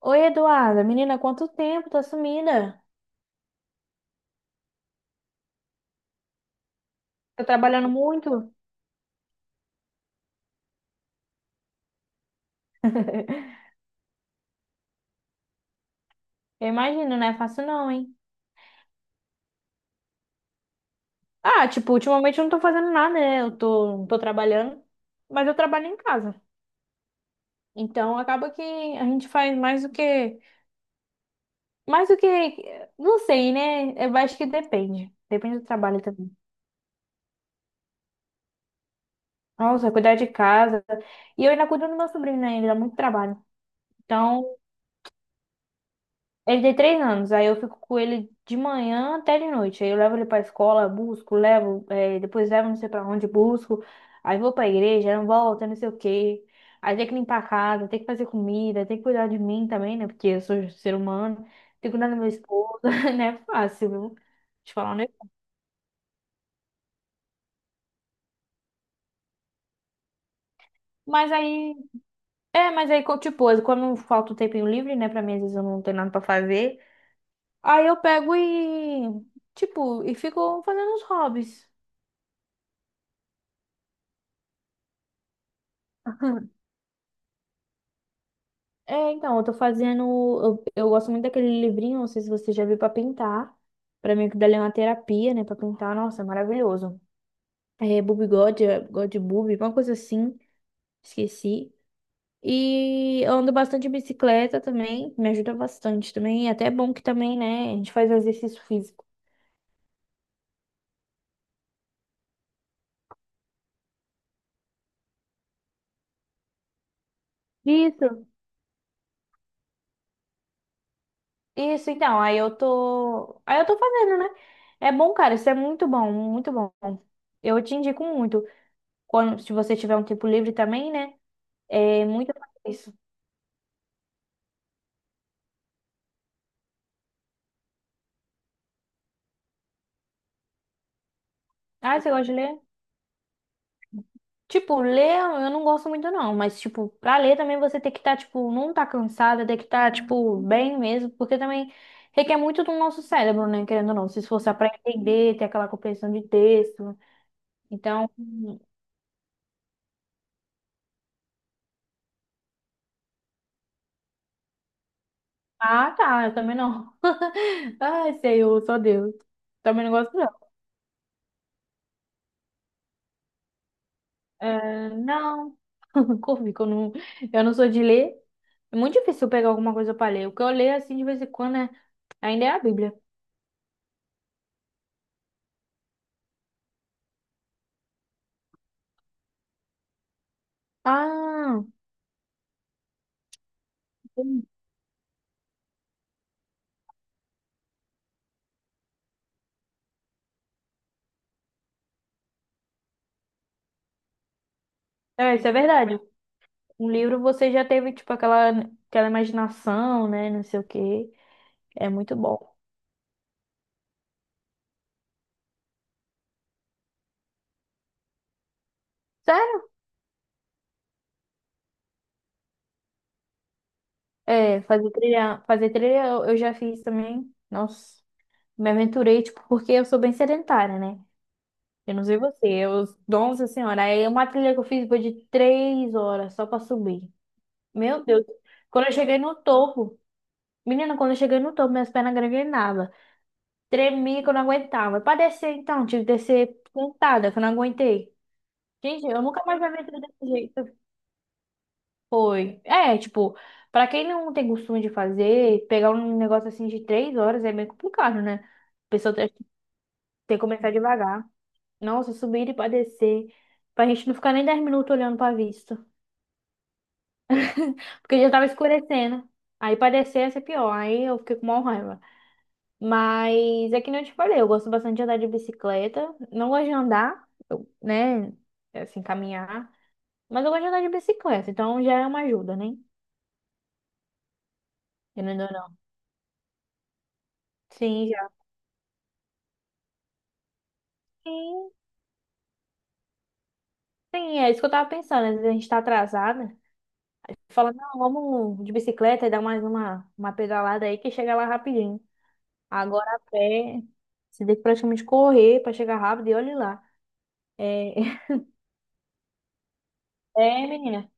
Oi, Eduarda. Menina, quanto tempo? Tá sumida. Tá trabalhando muito? Eu imagino, não é fácil não, hein? Ah, tipo, ultimamente eu não tô fazendo nada, né? Não tô trabalhando, mas eu trabalho em casa. Então acaba que a gente faz mais do que. Não sei, né? Eu acho que depende. Depende do trabalho também. Nossa, cuidar de casa. E eu ainda cuido do meu sobrinho, né? Ele dá muito trabalho. Então, ele tem 3 anos, aí eu fico com ele de manhã até de noite. Aí eu levo ele pra escola, busco, levo, depois levo não sei pra onde, busco. Aí vou pra igreja, não volto, não sei o quê. Aí tem que limpar a casa, tem que fazer comida, tem que cuidar de mim também, né? Porque eu sou ser humano. Tem que cuidar do meu esposo, né? É fácil, viu? Te falar, né? Mas aí, mas aí, tipo, quando falta um tempinho livre, né? Pra mim, às vezes eu não tenho nada pra fazer. Aí eu pego e, tipo, fico fazendo os hobbies. É, então, eu tô fazendo. Eu gosto muito daquele livrinho, não sei se você já viu pra pintar. Pra mim, que dali é uma terapia, né? Pra pintar, nossa, é maravilhoso. É Bob God, é, God Boob, uma coisa assim, esqueci. E eu ando bastante de bicicleta também, me ajuda bastante também. E até é bom que também, né? A gente faz exercício físico. Isso, isso, então. Aí eu tô fazendo, né? É bom, cara, isso é muito bom, muito bom. Eu te indico muito. Quando, se você tiver um tempo livre também, né? É muito isso. Ah, você gosta de ler? Tipo, ler eu não gosto muito não, mas tipo, pra ler também você tem que estar, tipo, não tá cansada, tem que estar, tipo, bem mesmo, porque também requer muito do nosso cérebro, né, querendo ou não, se esforçar pra entender, ter aquela compreensão de texto. Então, ah, tá, eu também não. Ai, Senhor, só Deus. Também não gosto não. É, não, Corvi, que eu não sou de ler. É muito difícil eu pegar alguma coisa pra ler. O que eu leio, assim, de vez em quando, é, ainda é a Bíblia. Ah, entendi. É, isso é verdade. Um livro você já teve, tipo, aquela, aquela imaginação, né? Não sei o quê. É muito bom. Sério? É, fazer trilha eu já fiz também. Nossa, me aventurei, tipo, porque eu sou bem sedentária, né? Eu não sei você, eu, nossa senhora, aí uma trilha que eu fiz foi de 3 horas só pra subir. Meu Deus, quando eu cheguei no topo, menina, quando eu cheguei no topo, minhas pernas greguei nada. Tremia que eu não aguentava. Pra descer, então, tive que descer sentada, que eu não aguentei. Gente, eu nunca mais me aventurei desse jeito. Foi. É, tipo, pra quem não tem costume de fazer, pegar um negócio assim de 3 horas é meio complicado, né? A pessoa tem que começar devagar. Nossa, subir e pra descer. Pra gente não ficar nem 10 minutos olhando pra vista. Porque já tava escurecendo. Aí pra descer ia ser pior. Aí eu fiquei com maior raiva. Mas é que nem eu te falei, eu gosto bastante de andar de bicicleta. Não gosto de andar, eu- né? Assim, caminhar. Mas eu gosto de andar de bicicleta, então já é uma ajuda, né? Querendo ou não. Sim, já. Sim, sim, é isso que eu tava pensando. Às vezes a gente tá atrasada. Fala, não, vamos de bicicleta e dar mais uma pedalada aí que chega lá rapidinho. Agora a pé, você tem que praticamente correr pra chegar rápido e olha lá. É, é, menina,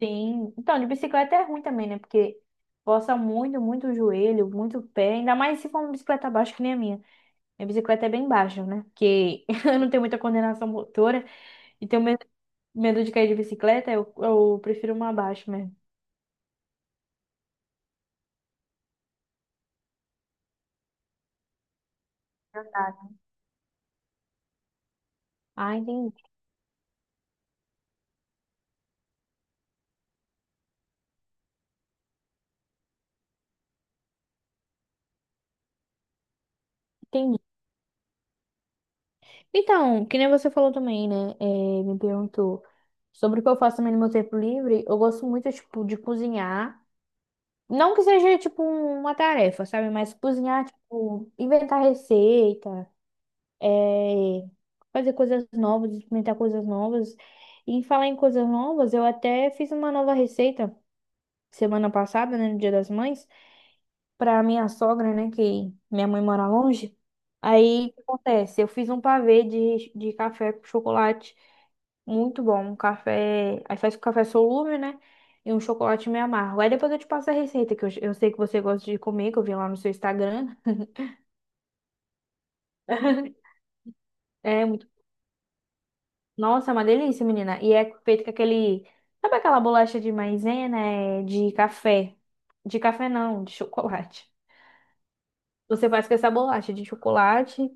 sim. Então, de bicicleta é ruim também, né? Porque força muito, muito o joelho, muito o pé. Ainda mais se for uma bicicleta baixa que nem a minha. Minha bicicleta é bem baixa, né? Porque eu não tenho muita coordenação motora e tenho medo, medo de cair de bicicleta, eu prefiro uma baixa mesmo. Ah, entendi. Entendi. Então, que nem você falou também, né? É, me perguntou sobre o que eu faço também no meu tempo livre. Eu gosto muito, tipo, de cozinhar. Não que seja, tipo, uma tarefa, sabe? Mas cozinhar, tipo, inventar receita. É, fazer coisas novas, experimentar coisas novas. E em falar em coisas novas, eu até fiz uma nova receita semana passada, né, no Dia das Mães, para minha sogra, né, que minha mãe mora longe. Aí, o que acontece? Eu fiz um pavê de café com chocolate, muito bom, um café, aí faz com café solúvel, né, e um chocolate meio amargo. Aí depois eu te passo a receita, que eu sei que você gosta de comer, que eu vi lá no seu Instagram. É, nossa, é uma delícia, menina. E é feito com aquele. Sabe aquela bolacha de maisena? É de café. De café não, de chocolate. Você faz com essa bolacha de chocolate.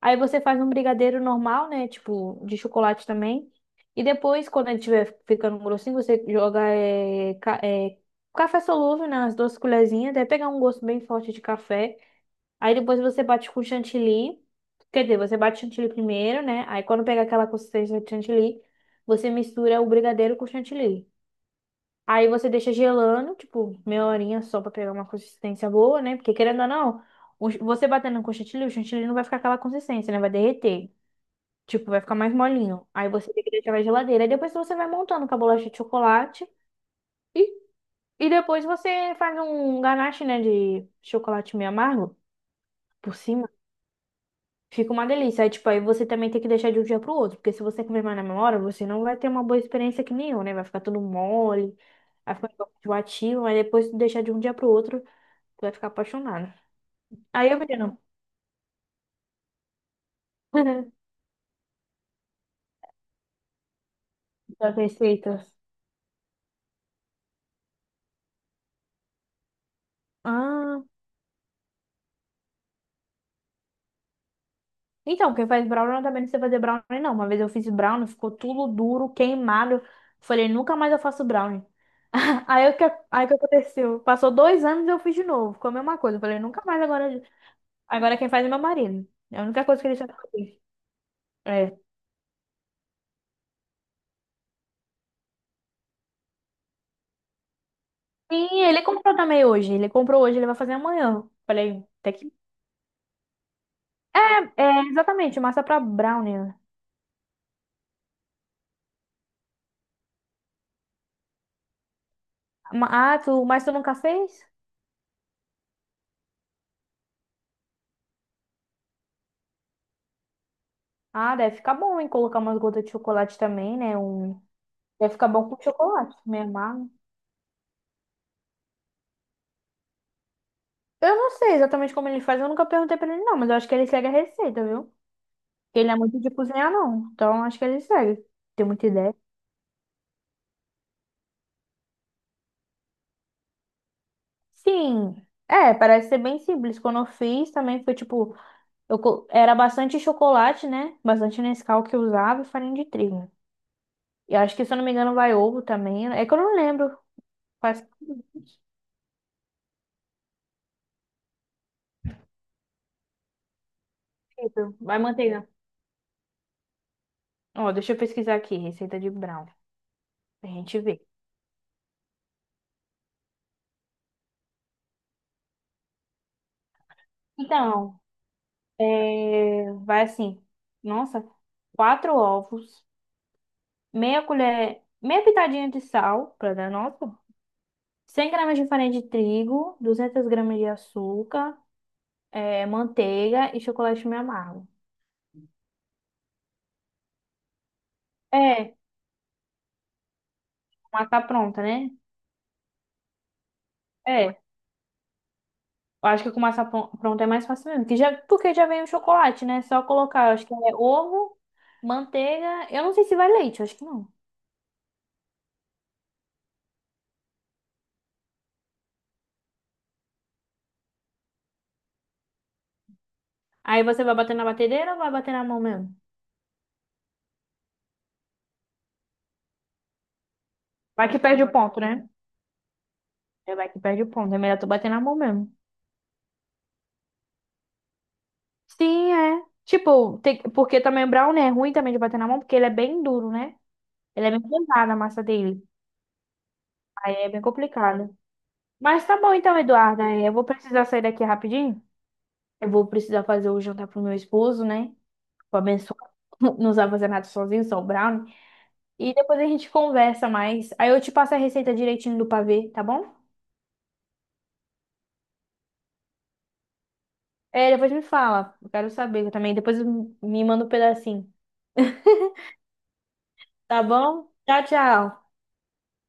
Aí você faz um brigadeiro normal, né? Tipo, de chocolate também. E depois, quando ele estiver ficando grossinho, você joga café solúvel, né? As duas colherzinhas. Deve pegar um gosto bem forte de café. Aí depois você bate com chantilly. Quer dizer, você bate chantilly primeiro, né? Aí quando pega aquela consistência de chantilly, você mistura o brigadeiro com o chantilly. Aí você deixa gelando, tipo, meia horinha só pra pegar uma consistência boa, né? Porque querendo ou não, o ch- você batendo com chantilly, o chantilly não vai ficar aquela consistência, né? Vai derreter. Tipo, vai ficar mais molinho. Aí você tem que deixar na geladeira. Aí depois você vai montando com a bolacha de chocolate. E, e depois você faz um ganache, né? De chocolate meio amargo por cima. Fica uma delícia. Aí, tipo, aí você também tem que deixar de um dia pro outro, porque se você comer mais na memória, você não vai ter uma boa experiência que nem eu, né? Vai ficar tudo mole, vai ficar um pouco enjoativo, mas depois de deixar de um dia pro outro, tu vai ficar apaixonada. Aí, eu menino, das receitas. Ah, então, quem faz brownie também não sei fazer brownie, não. Uma vez eu fiz brownie, ficou tudo duro, queimado. Falei, nunca mais eu faço brownie. Aí o que, aí o que aconteceu? Passou 2 anos e eu fiz de novo. Ficou a mesma coisa. Falei, nunca mais agora. Agora quem faz é meu marido. É a única coisa que ele sabe fazer. É. Sim, ele comprou também hoje. Ele comprou hoje, ele vai fazer amanhã. Falei, até que. É, exatamente, massa pra brownie. Né? Ma- Ah, mas tu nunca fez? Ah, deve ficar bom, hein? Colocar umas gotas de chocolate também, né? Um... Deve ficar bom com chocolate, meio amargo. Eu não sei exatamente como ele faz, eu nunca perguntei pra ele, não, mas eu acho que ele segue a receita, viu? Ele não é muito de cozinhar, não. Então acho que ele segue. Tem muita ideia. Sim. É, parece ser bem simples. Quando eu fiz também foi tipo. Eu era bastante chocolate, né? Bastante Nescau que eu usava e farinha de trigo. E acho que, se eu não me engano, vai ovo também. É que eu não lembro. Faz... sentido. Vai manteiga. Ó, deixa eu pesquisar aqui, receita de brown, pra gente ver. Então, é, vai assim. Nossa, quatro ovos, meia colher, meia pitadinha de sal, pra dar nota. 100 gramas de farinha de trigo, 200 gramas de açúcar, é, manteiga e chocolate meio amargo. É, mas tá pronta, né? É, eu acho que com massa pronta é mais fácil mesmo. Que já, porque já vem o chocolate, né? Só colocar, eu acho que é ovo, manteiga. Eu não sei se vai leite, eu acho que não. Aí você vai bater na batedeira ou vai bater na mão mesmo? Vai que perde o ponto, né? É, vai que perde o ponto. É melhor tu bater na mão mesmo. Sim, é. Tipo, tem, porque também o brownie é ruim também de bater na mão, porque ele é bem duro, né? Ele é bem pesado a massa dele. Aí é bem complicado. Mas tá bom então, Eduarda. Eu vou precisar sair daqui rapidinho. Eu vou precisar fazer o jantar pro meu esposo, né? O abençoado não sabe fazer nada sozinho, só o brownie. E depois a gente conversa mais. Aí eu te passo a receita direitinho do pavê, tá bom? É, depois me fala. Eu quero saber também. Depois me manda um pedacinho. Tá bom? Tchau, tchau.